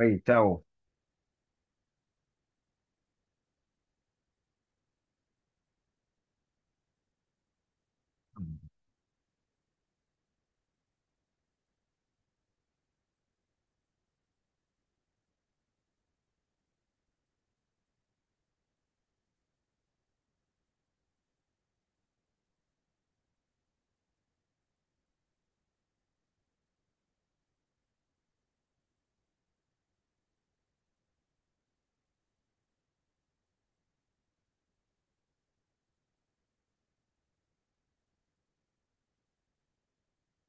Ehi, ciao.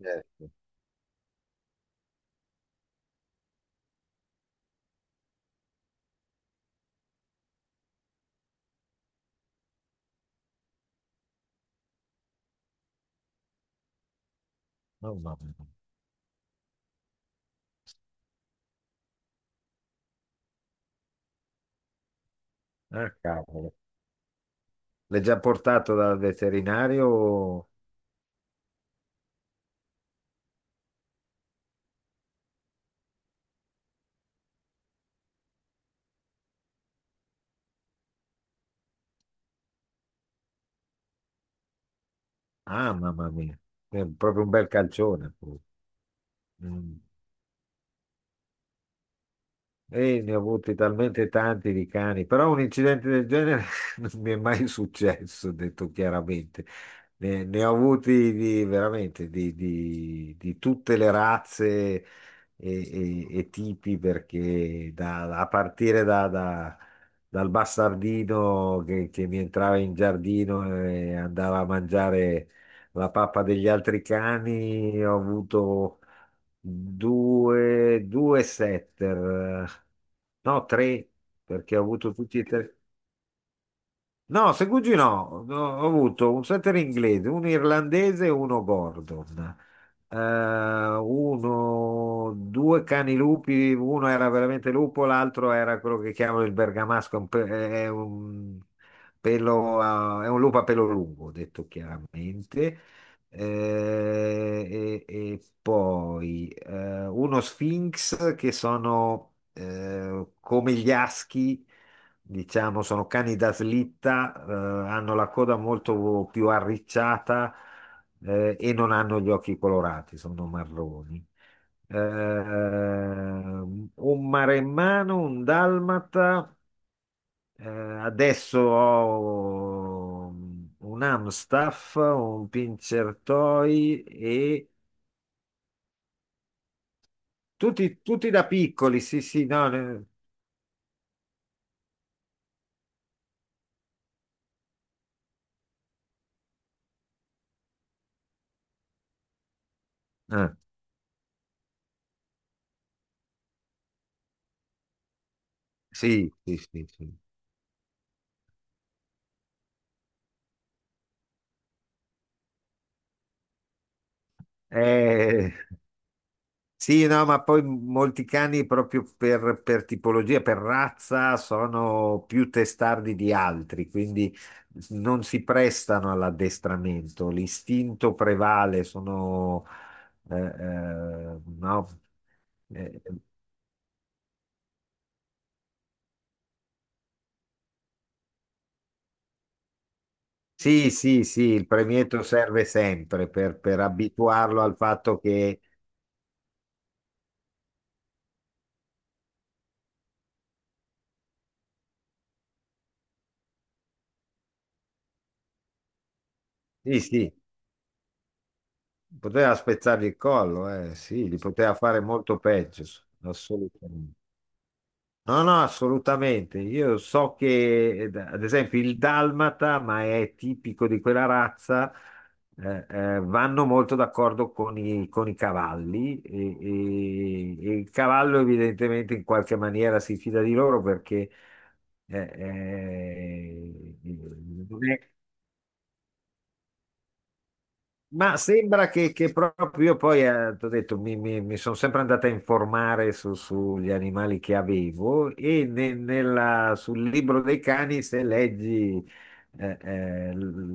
Eh, no, mamma mia. Ah, cavolo. L'hai già portato dal veterinario? Ah, mamma mia. È proprio un bel calcione poi. Mm. E ne ho avuti talmente tanti di cani, però un incidente del genere non mi è mai successo, detto chiaramente. Ne ho avuti di, veramente di, di tutte le razze, e, e tipi perché a partire dal bastardino che mi entrava in giardino e andava a mangiare la pappa degli altri cani. Ho avuto due setter, no, tre, perché ho avuto tutti e tre. No, segugi no. No, ho avuto un setter inglese, un irlandese e uno Gordon. Eh, Uno, due cani lupi, uno era veramente lupo, l'altro era quello che chiamano il bergamasco, un è un, pelo, è un lupo a pelo lungo, detto chiaramente. Eh, e, e poi uno Sphinx che sono, come gli aschi diciamo, sono cani da slitta, hanno la coda molto più arricciata, e non hanno gli occhi colorati, sono marroni. Un maremmano, un dalmata, adesso ho un Amstaff, un Pincher Toy e tutti da piccoli, sì, sì, no, eh, sì, sì, sì, sì. Eh, Sì, no, ma poi molti cani proprio per tipologia, per razza, sono più testardi di altri, quindi non si prestano all'addestramento. L'istinto prevale, sono... no. Eh, sì, sì, sì, il premietto serve sempre per abituarlo al fatto che... Sì, sì, poteva spezzargli il collo, sì, gli poteva fare molto peggio, assolutamente. No, no, assolutamente. Io so che, ad esempio, il dalmata, ma è tipico di quella razza, vanno molto d'accordo con i cavalli e, e il cavallo evidentemente in qualche maniera si fida di loro perché eh, eh, non è- ma sembra che proprio io poi, t'ho detto, mi, sono sempre andata a informare sugli animali che avevo e sul libro dei cani, se leggi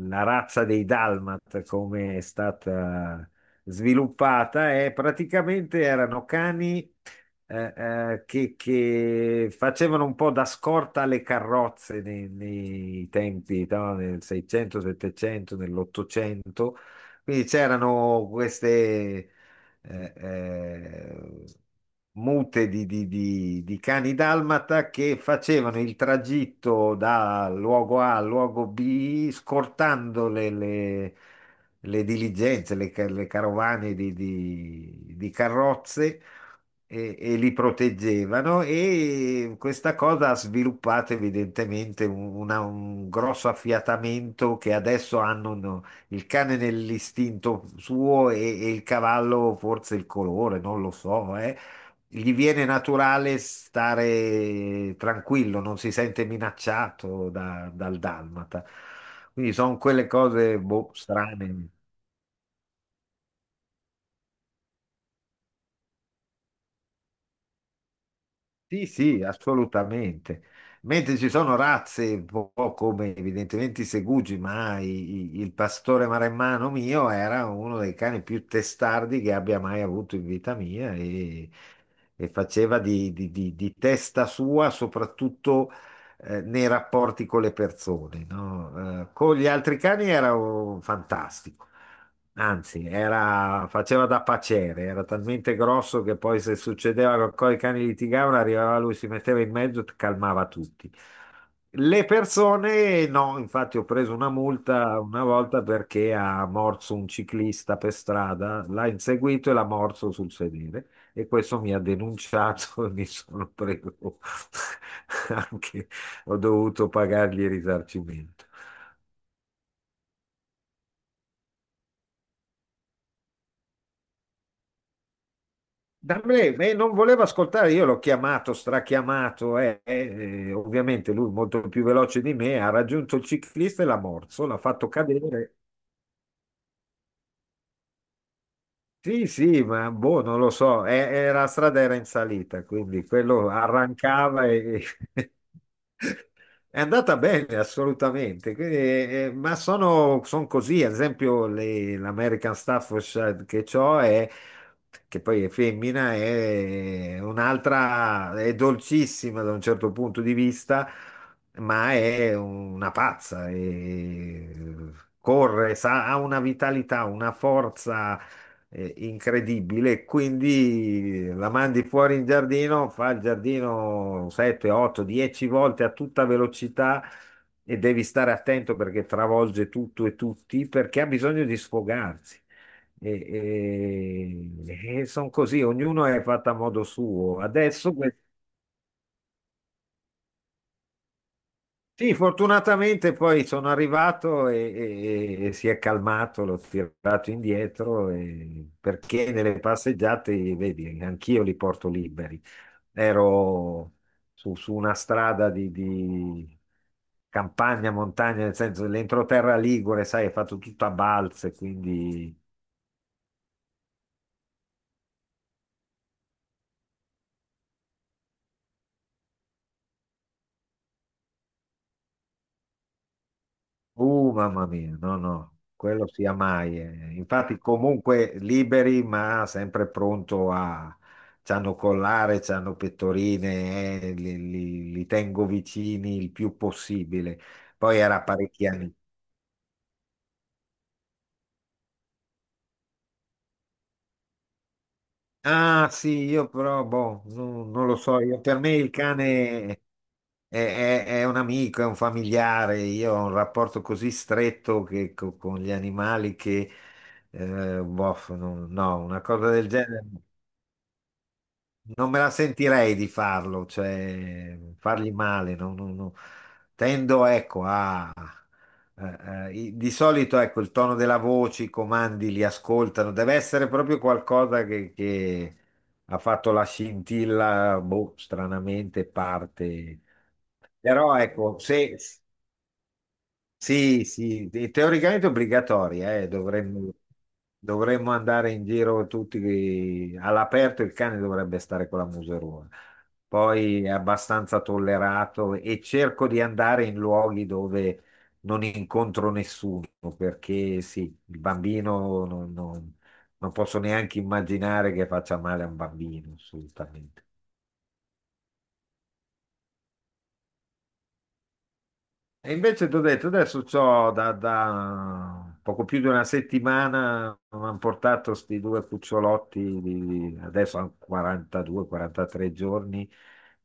la razza dei Dalmat, come è stata sviluppata, è praticamente erano cani che facevano un po' da scorta alle carrozze nei, nei tempi, no? Nel 600, 700, nell'Ottocento, quindi c'erano queste eh, eh, mute di, di cani dalmata che facevano il tragitto da luogo A al luogo B, scortando le, le diligenze, le, le carovane di, di carrozze. E li proteggevano e questa cosa ha sviluppato evidentemente un, un grosso affiatamento che adesso hanno, no, il cane nell'istinto suo e il cavallo forse il colore, non lo so, eh. Gli viene naturale stare tranquillo, non si sente minacciato dal dalmata. Quindi sono quelle cose boh, strane. Sì, sì, assolutamente. Mentre ci sono razze, un po' come evidentemente i segugi, ma il pastore maremmano mio era uno dei cani più testardi che abbia mai avuto in vita mia, e faceva di, di testa sua, soprattutto nei rapporti con le persone, no? Con gli altri cani era oh, fantastico. Anzi, faceva da paciere, era talmente grosso che poi se succedeva che i cani litigavano, arrivava lui, si metteva in mezzo e calmava tutti. Le persone, no, infatti ho preso una multa una volta perché ha morso un ciclista per strada, l'ha inseguito e l'ha morso sul sedere, e questo mi ha denunciato e mi sono preso anche, ho dovuto pagargli il risarcimento. Da me, non voleva ascoltare, io l'ho chiamato, strachiamato, ovviamente lui molto più veloce di me, ha raggiunto il ciclista e l'ha morso, l'ha fatto cadere. Sì, sì, ma boh, non lo so, e la strada era in salita, quindi quello arrancava e è andata bene, assolutamente. Quindi, ma sono, son così, ad esempio l'American Staffordshire che ho è, che poi è femmina, è un'altra, è dolcissima da un certo punto di vista, ma è una pazza, e corre, ha una vitalità, una forza incredibile. Quindi la mandi fuori in giardino, fa il giardino 7, 8, 10 volte a tutta velocità, e devi stare attento perché travolge tutto e tutti, perché ha bisogno di sfogarsi. E, e sono così, ognuno è fatto a modo suo. Adesso sì, fortunatamente poi sono arrivato e, e si è calmato, l'ho tirato indietro perché nelle passeggiate, vedi, anch'io li porto liberi. Ero su, su una strada di campagna, montagna, nel senso l'entroterra ligure, sai, è fatto tutto a balze, quindi uh, mamma mia, no, no, quello sia mai, eh. Infatti, comunque liberi, ma sempre pronto a. C'hanno collare, c'hanno pettorine, li, li tengo vicini il più possibile. Poi era parecchi anni ah sì, io però, boh, non lo so, per me il cane è, è un amico, è un familiare, io ho un rapporto così stretto che, con gli animali che, boh, no, no, una cosa del genere non me la sentirei di farlo, cioè fargli male, no, no, no. Tendo, ecco, a di solito, ecco, il tono della voce, i comandi li ascoltano, deve essere proprio qualcosa che ha fatto la scintilla, boh, stranamente parte. Però ecco, se, sì, sì, teoricamente è obbligatoria, dovremmo, dovremmo andare in giro tutti all'aperto, il cane dovrebbe stare con la museruola. Poi è abbastanza tollerato e cerco di andare in luoghi dove non incontro nessuno, perché sì, il bambino non, non posso neanche immaginare che faccia male a un bambino, assolutamente. E invece ti ho detto, adesso c'ho da, da poco più di una settimana, mi hanno portato questi due cucciolotti, di, adesso hanno 42-43 giorni,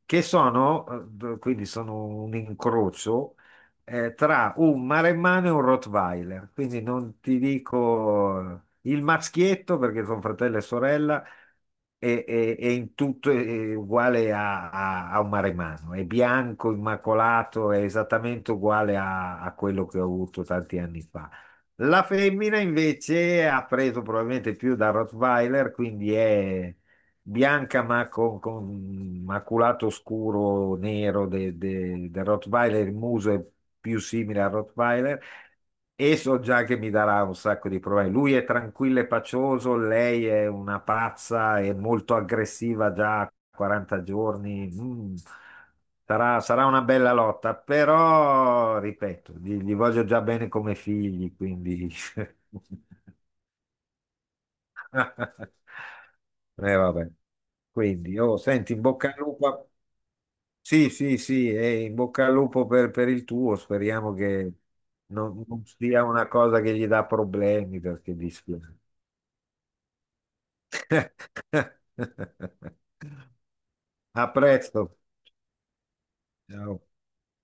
che sono, quindi sono un incrocio, tra un maremmano e un Rottweiler. Quindi non ti dico il maschietto, perché sono fratello e sorella, e, e in tutto è uguale a, a, a un maremano, è bianco, immacolato, è esattamente uguale a, a quello che ho avuto tanti anni fa. La femmina invece ha preso probabilmente più da Rottweiler, quindi è bianca ma con maculato scuro nero del Rottweiler, il muso è più simile al Rottweiler, e so già che mi darà un sacco di problemi. Lui è tranquillo e pacioso, lei è una pazza e molto aggressiva già a 40 giorni. Mm. Sarà una bella lotta, però, ripeto, gli voglio già bene come figli, quindi... vabbè. Quindi, oh, senti, in bocca al lupo. Sì, sì, sì, e in bocca al lupo per il tuo, speriamo che non, non sia una cosa che gli dà problemi, perché dispiace. A presto. Ciao.